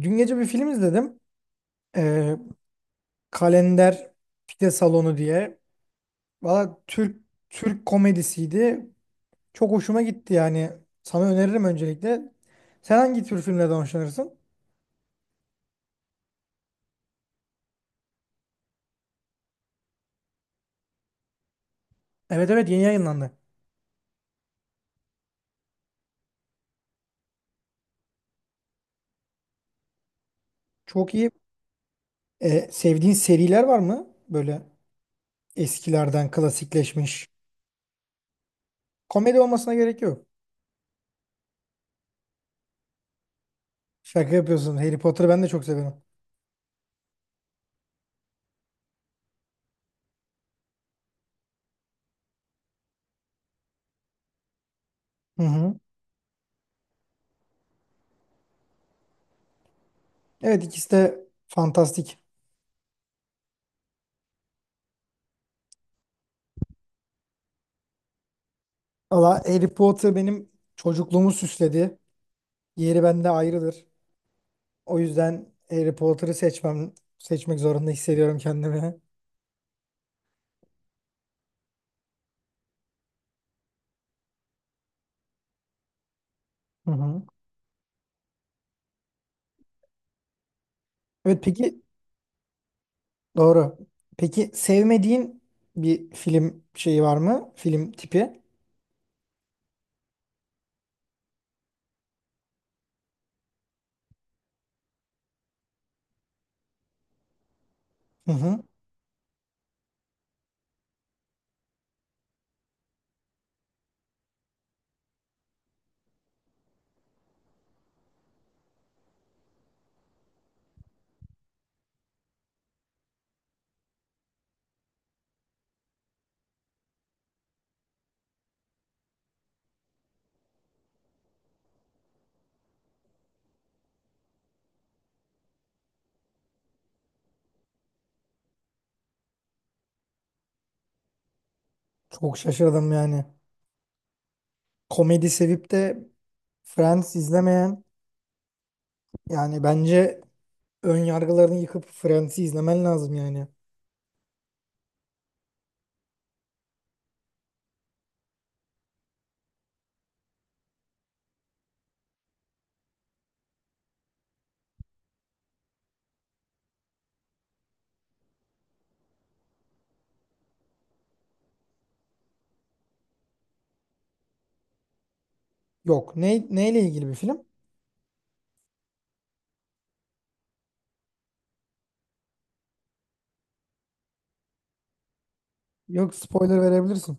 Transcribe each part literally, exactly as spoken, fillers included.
Dün gece bir film izledim. Ee, Kalender Pide Salonu diye. Valla Türk Türk komedisiydi. Çok hoşuma gitti yani. Sana öneririm öncelikle. Sen hangi tür filmlerden hoşlanırsın? Evet, evet, yeni yayınlandı. Çok iyi. Ee, sevdiğin seriler var mı? Böyle eskilerden klasikleşmiş. Komedi olmasına gerek yok. Şaka yapıyorsun. Harry Potter'ı ben de çok severim. Hı hı. Evet, ikisi de fantastik. Valla Harry Potter benim çocukluğumu süsledi. Yeri bende ayrıdır. O yüzden Harry Potter'ı seçmem, seçmek zorunda hissediyorum kendimi. Hı hı. Evet, peki, doğru. Peki sevmediğin bir film şeyi var mı? Film tipi? Hı hı. Çok şaşırdım yani. Komedi sevip de Friends izlemeyen, yani bence ön yargılarını yıkıp Friends'i izlemen lazım yani. Yok. Ne, neyle ilgili bir film? Yok, spoiler verebilirsin.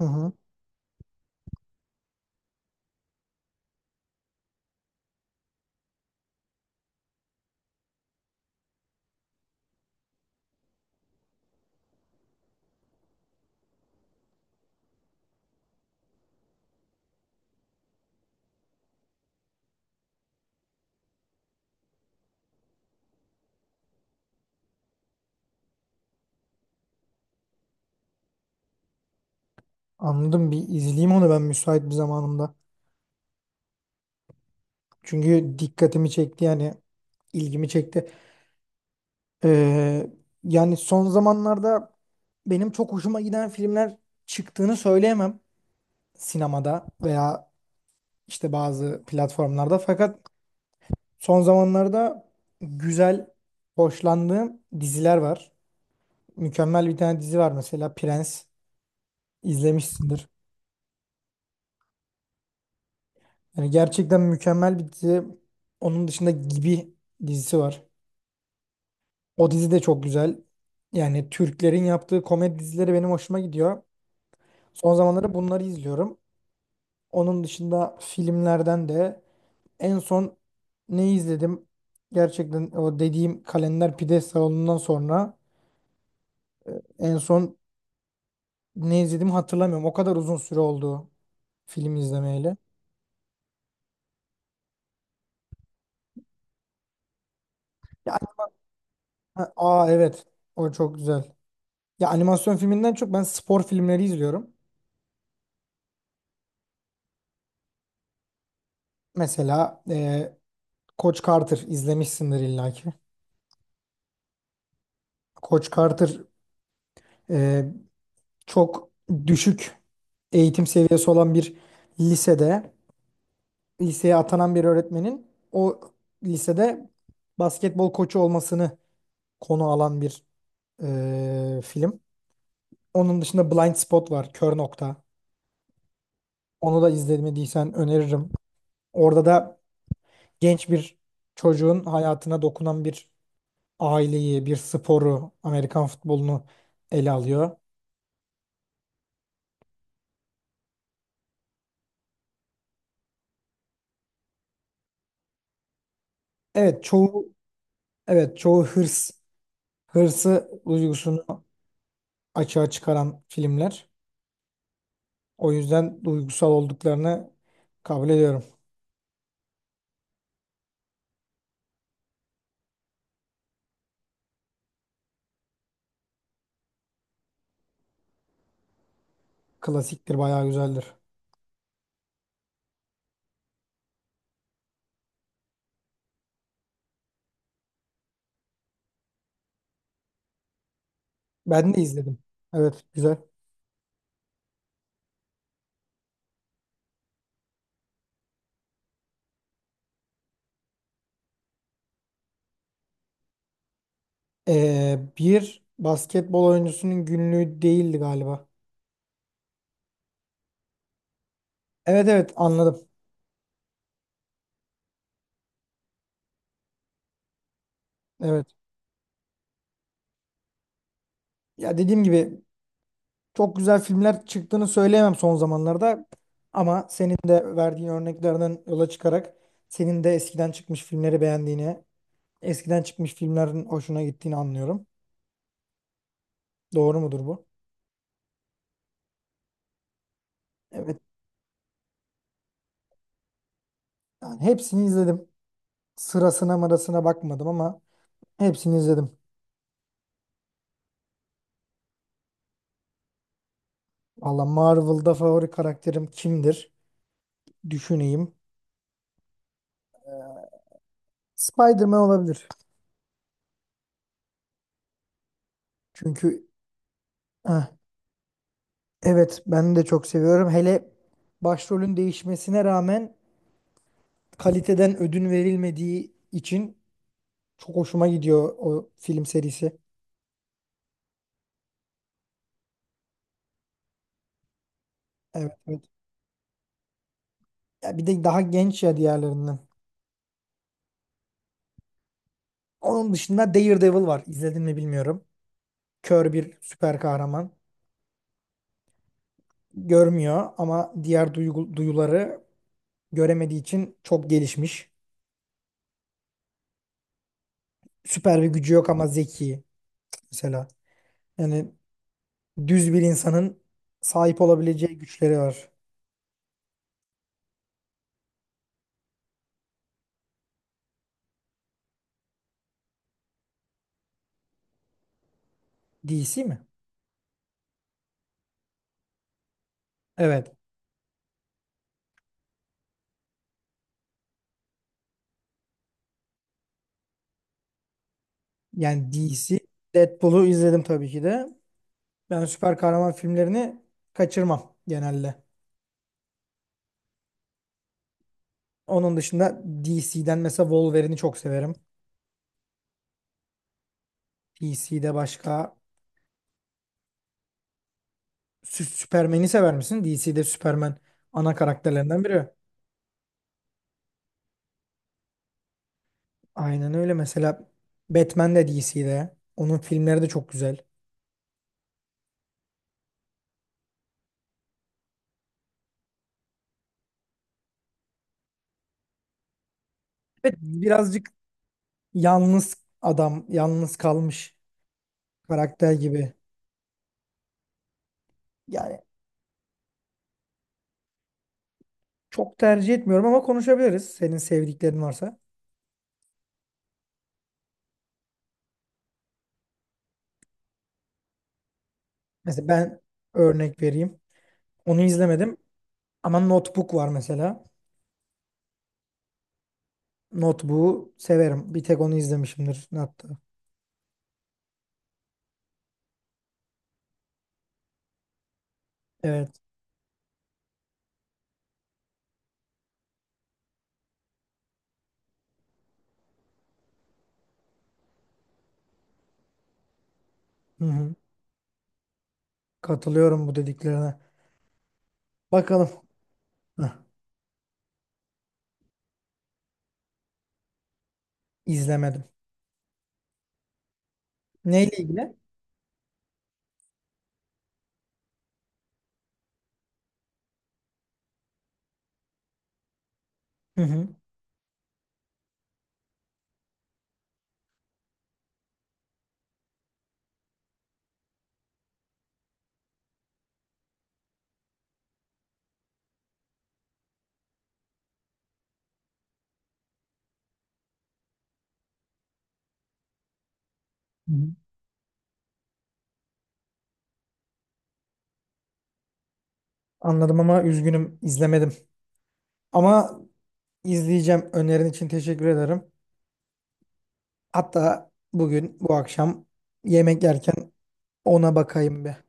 Hı hı. Anladım, bir izleyeyim onu ben müsait bir zamanımda. Çünkü dikkatimi çekti yani, ilgimi çekti. Ee, yani son zamanlarda benim çok hoşuma giden filmler çıktığını söyleyemem sinemada veya işte bazı platformlarda. Fakat son zamanlarda güzel, hoşlandığım diziler var. Mükemmel bir tane dizi var mesela, Prens izlemişsindir. Yani gerçekten mükemmel bir dizi. Onun dışında Gibi dizisi var. O dizi de çok güzel. Yani Türklerin yaptığı komedi dizileri benim hoşuma gidiyor. Son zamanlarda bunları izliyorum. Onun dışında filmlerden de en son ne izledim? Gerçekten o dediğim Kalender Pide Salonu'ndan sonra en son ne izlediğimi hatırlamıyorum. O kadar uzun süre oldu film izlemeyeli. Ya, ha, aa evet, o çok güzel. Ya animasyon filminden çok ben spor filmleri izliyorum. Mesela e, Coach Carter izlemişsindir illaki. Coach Carter e, çok düşük eğitim seviyesi olan bir lisede, liseye atanan bir öğretmenin o lisede basketbol koçu olmasını konu alan bir e, film. Onun dışında Blind Spot var, Kör Nokta. Onu da izlemediysen öneririm. Orada da genç bir çocuğun hayatına dokunan bir aileyi, bir sporu, Amerikan futbolunu ele alıyor. Evet, çoğu, evet çoğu hırs, hırsı duygusunu açığa çıkaran filmler. O yüzden duygusal olduklarını kabul ediyorum. Klasiktir, bayağı güzeldir. Ben de izledim. Evet, güzel. Ee, bir basketbol oyuncusunun günlüğü değildi galiba. Evet, evet, anladım. Evet. Ya dediğim gibi çok güzel filmler çıktığını söyleyemem son zamanlarda. Ama senin de verdiğin örneklerden yola çıkarak senin de eskiden çıkmış filmleri beğendiğini, eskiden çıkmış filmlerin hoşuna gittiğini anlıyorum. Doğru mudur bu? Evet. Yani hepsini izledim. Sırasına mırasına bakmadım ama hepsini izledim. Valla Marvel'da favori karakterim kimdir? Düşüneyim. Spider-Man olabilir. Çünkü heh, evet, ben de çok seviyorum. Hele başrolün değişmesine rağmen kaliteden ödün verilmediği için çok hoşuma gidiyor o film serisi. Evet, evet. Ya bir de daha genç ya diğerlerinden. Onun dışında Daredevil var. İzledin mi bilmiyorum. Kör bir süper kahraman. Görmüyor ama diğer duygu- duyuları göremediği için çok gelişmiş. Süper bir gücü yok ama zeki mesela. Yani düz bir insanın sahip olabileceği güçleri var. D C mi? Evet. Yani D C, Deadpool'u izledim tabii ki de. Ben süper kahraman filmlerini kaçırmam genelde. Onun dışında D C'den mesela Wolverine'i çok severim. D C'de başka, Sü- Superman'i sever misin? D C'de Superman ana karakterlerinden biri. Aynen öyle. Mesela Batman de D C'de. Onun filmleri de çok güzel. Evet, birazcık yalnız adam, yalnız kalmış karakter gibi. Yani çok tercih etmiyorum ama konuşabiliriz. Senin sevdiklerin varsa. Mesela ben örnek vereyim. Onu izlemedim ama Notebook var mesela. Notebook'u severim. Bir tek onu izlemişimdir hatta. Evet. Hı hı. Katılıyorum bu dediklerine. Bakalım. Heh, izlemedim. Neyle ilgili? Hı hı. Hı hı. Anladım ama üzgünüm, izlemedim. Ama izleyeceğim. Önerin için teşekkür ederim. Hatta bugün, bu akşam yemek yerken ona bakayım bir.